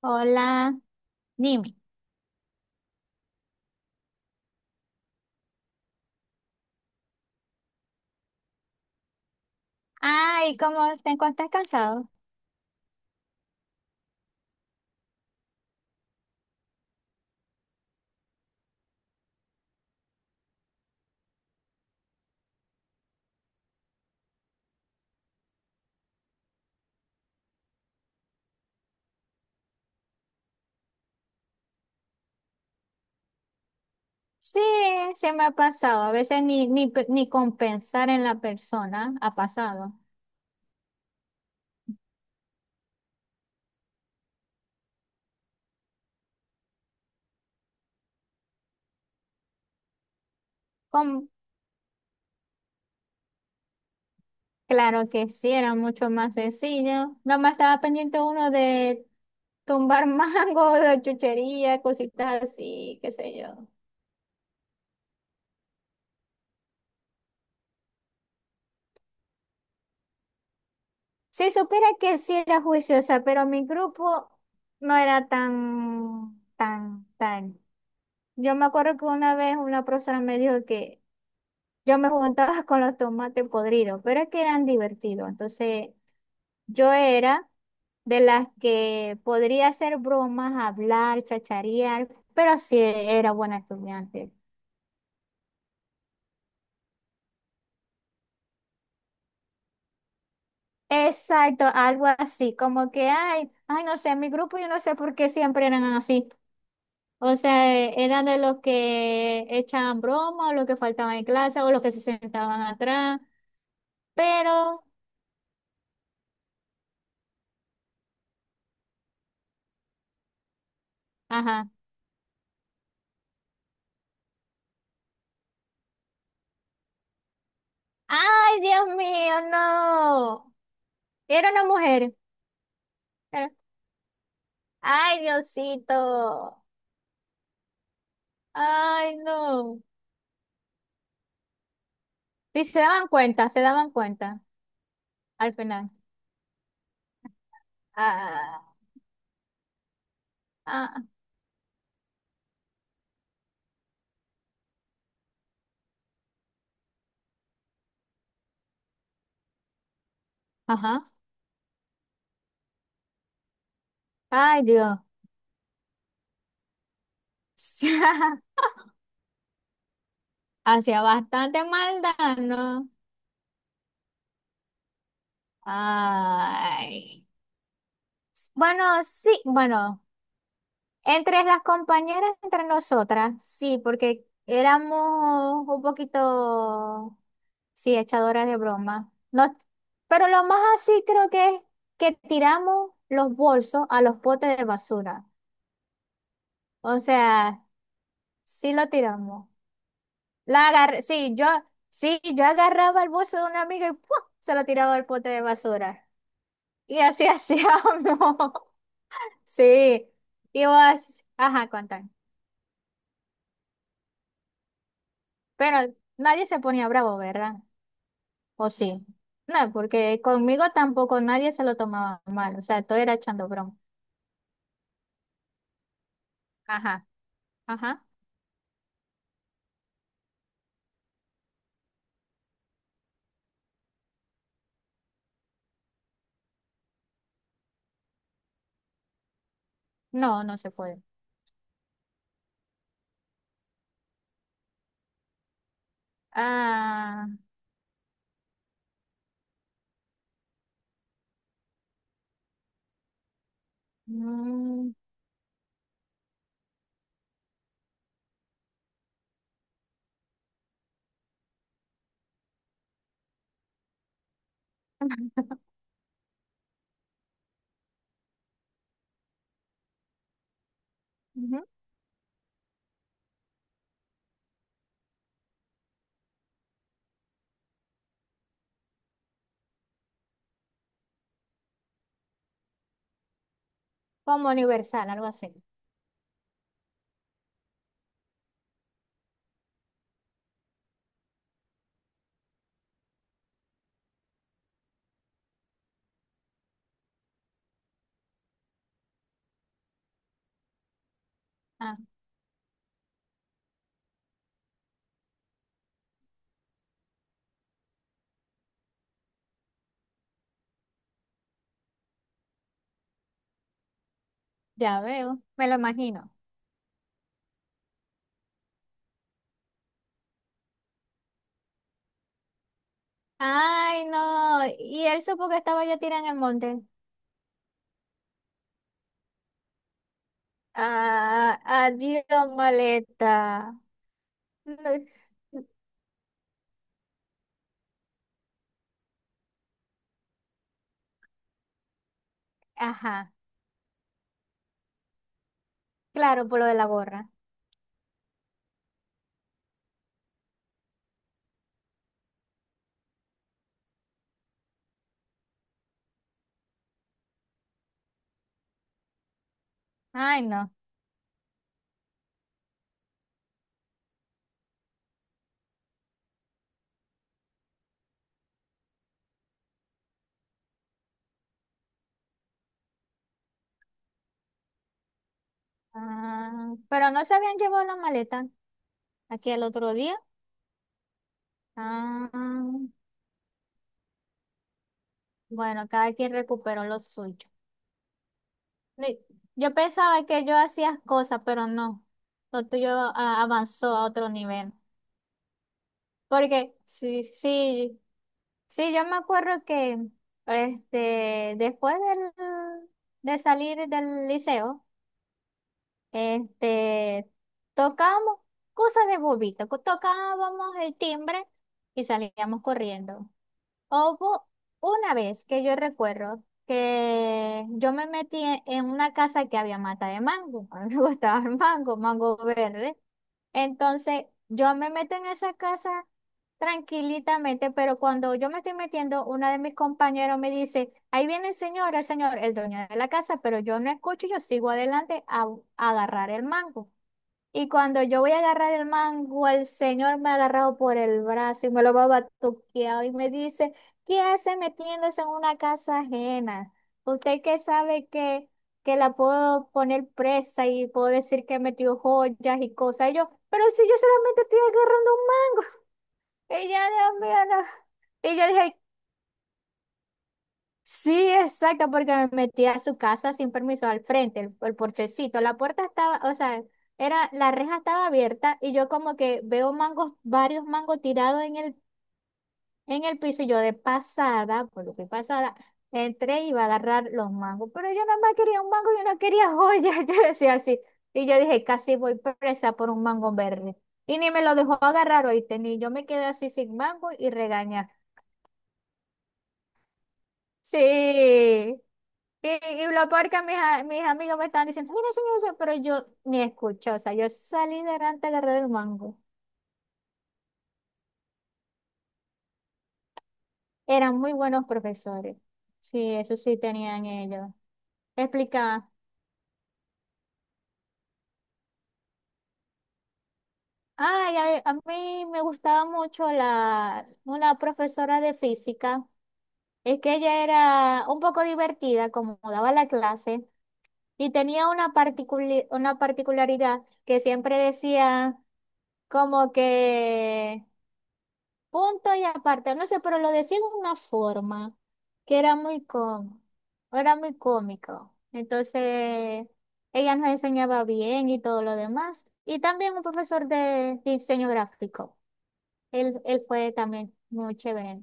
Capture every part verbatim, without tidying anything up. Hola, dime. Ay, ¿cómo te encuentras cansado? Sí, se me ha pasado. A veces ni, ni, pe- ni compensar en la persona ha pasado. Com- claro que sí, era mucho más sencillo. Nada más estaba pendiente uno de tumbar mango, de chuchería, cositas así, qué sé yo. Si supiera que sí era juiciosa, pero mi grupo no era tan, tan, tan. Yo me acuerdo que una vez una profesora me dijo que yo me juntaba con los tomates podridos, pero es que eran divertidos. Entonces, yo era de las que podría hacer bromas, hablar, chacharear, pero sí era buena estudiante. Exacto, algo así, como que, ay, ay, no sé, mi grupo yo no sé por qué siempre eran así. O sea, eh, eran de los que echaban broma, o los que faltaban en clase, o los que se sentaban atrás, pero, ajá. ¡Ay, Dios mío, no! Era una mujer. Pero- Ay, Diosito. Ay, no. Y se daban cuenta, se daban cuenta al final. Ah, ah, ajá. Ay, Dios. Hacía bastante maldad, ¿no? Ay. Bueno, sí, bueno. Entre las compañeras, entre nosotras, sí, porque éramos un poquito, sí, echadoras de broma. No, pero lo más así creo que es que tiramos los bolsos a los potes de basura. O sea, sí lo tiramos. La agarré, sí, yo, sí, yo agarraba el bolso de una amiga y ¡pua! Se lo tiraba al pote de basura. Y así hacíamos. Sí, y vos, ajá, contan. Pero nadie se ponía bravo, ¿verdad? O sí. No, porque conmigo tampoco nadie se lo tomaba mal, o sea, todo era echando broma. Ajá, ajá. No, no se puede. Ah, mm, ujú. Como universal, algo así. Ah, ya veo, me lo imagino. Ay, no, y él supo que estaba yo tirada en el monte. Ah, adiós, maleta. No, ajá, claro, por lo de la gorra. Ay, no. Ah, pero no se habían llevado la maleta. Aquí el otro día. Ah, bueno, cada quien recuperó lo suyo. Ni- Yo pensaba que yo hacía cosas, pero no. Lo tuyo ah, avanzó a otro nivel. Porque sí, sí, sí, yo me acuerdo que este, después del, de salir del liceo, este, tocábamos cosas de bobito, co- tocábamos el timbre y salíamos corriendo. Hubo una vez que yo recuerdo que yo me metí en en una casa que había mata de mango. A mí me gustaba el mango, mango verde. Entonces, yo me meto en esa casa tranquilitamente, pero cuando yo me estoy metiendo, una de mis compañeros me dice, ahí viene el señor, el señor, el dueño de la casa, pero yo no escucho, yo sigo adelante a, a agarrar el mango. Y cuando yo voy a agarrar el mango, el señor me ha agarrado por el brazo y me lo va batuqueado y me dice, ¿qué hace metiéndose en una casa ajena? Usted que sabe que, que la puedo poner presa y puedo decir que metió joyas y cosas. Y yo, pero si yo solamente estoy agarrando un mango. Y yo, Dios mío, no. Y yo dije, sí, exacto, porque me metí a su casa sin permiso al frente, el, el porchecito. La puerta estaba, o sea, era, la reja estaba abierta y yo como que veo mangos, varios mangos tirados en el, en el piso y yo de pasada, por lo que pasada, entré y iba a agarrar los mangos. Pero yo nada más quería un mango, yo no quería joyas, yo decía así. Y yo dije, casi voy presa por un mango verde. Y ni me lo dejó agarrar, oíste, ni yo me quedé así sin mango y regañada. Sí, y, y lo peor que mis, a- mis amigos me estaban diciendo, mira, señor, o sea, pero yo ni escuché, o sea, yo salí de Ranta agarré del mango. Eran muy buenos profesores. Sí, eso sí tenían ellos. Explicaban, ay, a, a mí me gustaba mucho la, una profesora de física, es que ella era un poco divertida, como daba la clase, y tenía una particuli- una particularidad que siempre decía como que... punto y aparte, no sé, pero lo decían de una forma que era muy cómico, era muy cómico. Entonces, ella nos enseñaba bien y todo lo demás. Y también un profesor de diseño gráfico. Él, él fue también muy chévere,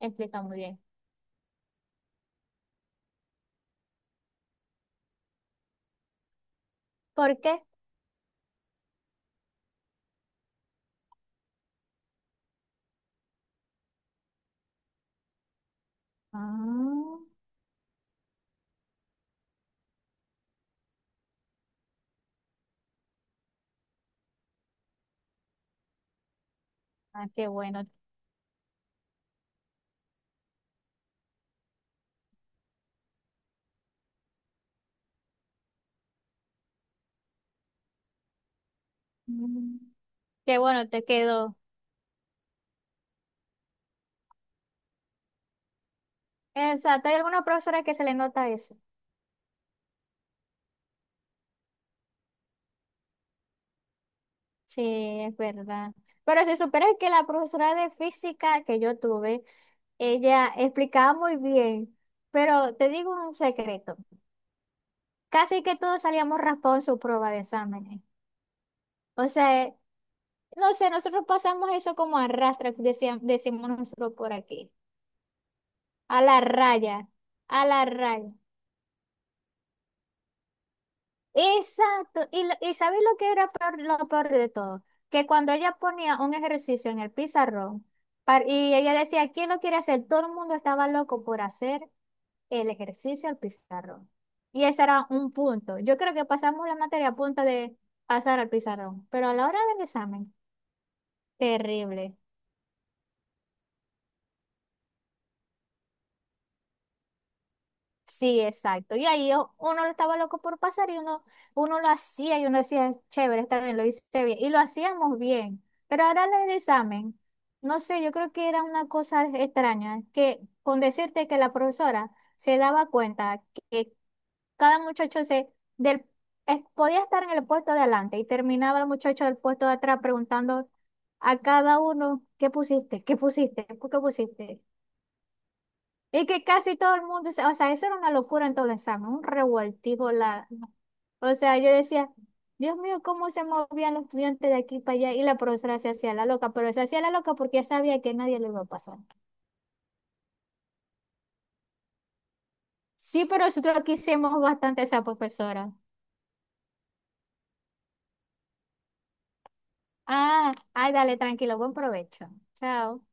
explica muy bien. ¿Por qué? Ah, ah, qué bueno. Mm, qué bueno te quedó. Exacto, hay alguna profesora que se le nota eso. Sí, es verdad. Pero si supieras que la profesora de física que yo tuve, ella explicaba muy bien, pero te digo un secreto, casi que todos salíamos raspados en su prueba de exámenes. O sea, no sé, nosotros pasamos eso como arrastra, decíamos decimos nosotros por aquí, a la raya, a la raya. Exacto. Y, lo- y ¿sabes lo que era peor- lo peor de todo? Que cuando ella ponía un ejercicio en el pizarrón par- y ella decía, ¿quién lo quiere hacer? Todo el mundo estaba loco por hacer el ejercicio al pizarrón. Y ese era un punto. Yo creo que pasamos la materia a punto de pasar al pizarrón, pero a la hora del examen, terrible. Sí, exacto. Y ahí o- uno estaba loco por pasar y uno, uno lo hacía y uno decía, chévere, está bien, lo hice bien. Y lo hacíamos bien. Pero ahora en el examen, no sé, yo creo que era una cosa extraña, que con decirte que la profesora se daba cuenta que cada muchacho se del, es- podía estar en el puesto de adelante y terminaba el muchacho del puesto de atrás preguntando a cada uno, ¿qué pusiste? ¿Qué pusiste? ¿Por qué pusiste? Es que casi todo el mundo, se- o sea, eso era una locura en todo el examen, un revoltijo. La, o sea, yo decía, Dios mío, cómo se movían los estudiantes de aquí para allá y la profesora se hacía la loca, pero se hacía la loca porque ya sabía que nadie lo iba a pasar. Sí, pero nosotros quisimos bastante a esa profesora. Ah, ay, dale, tranquilo, buen provecho. Chao.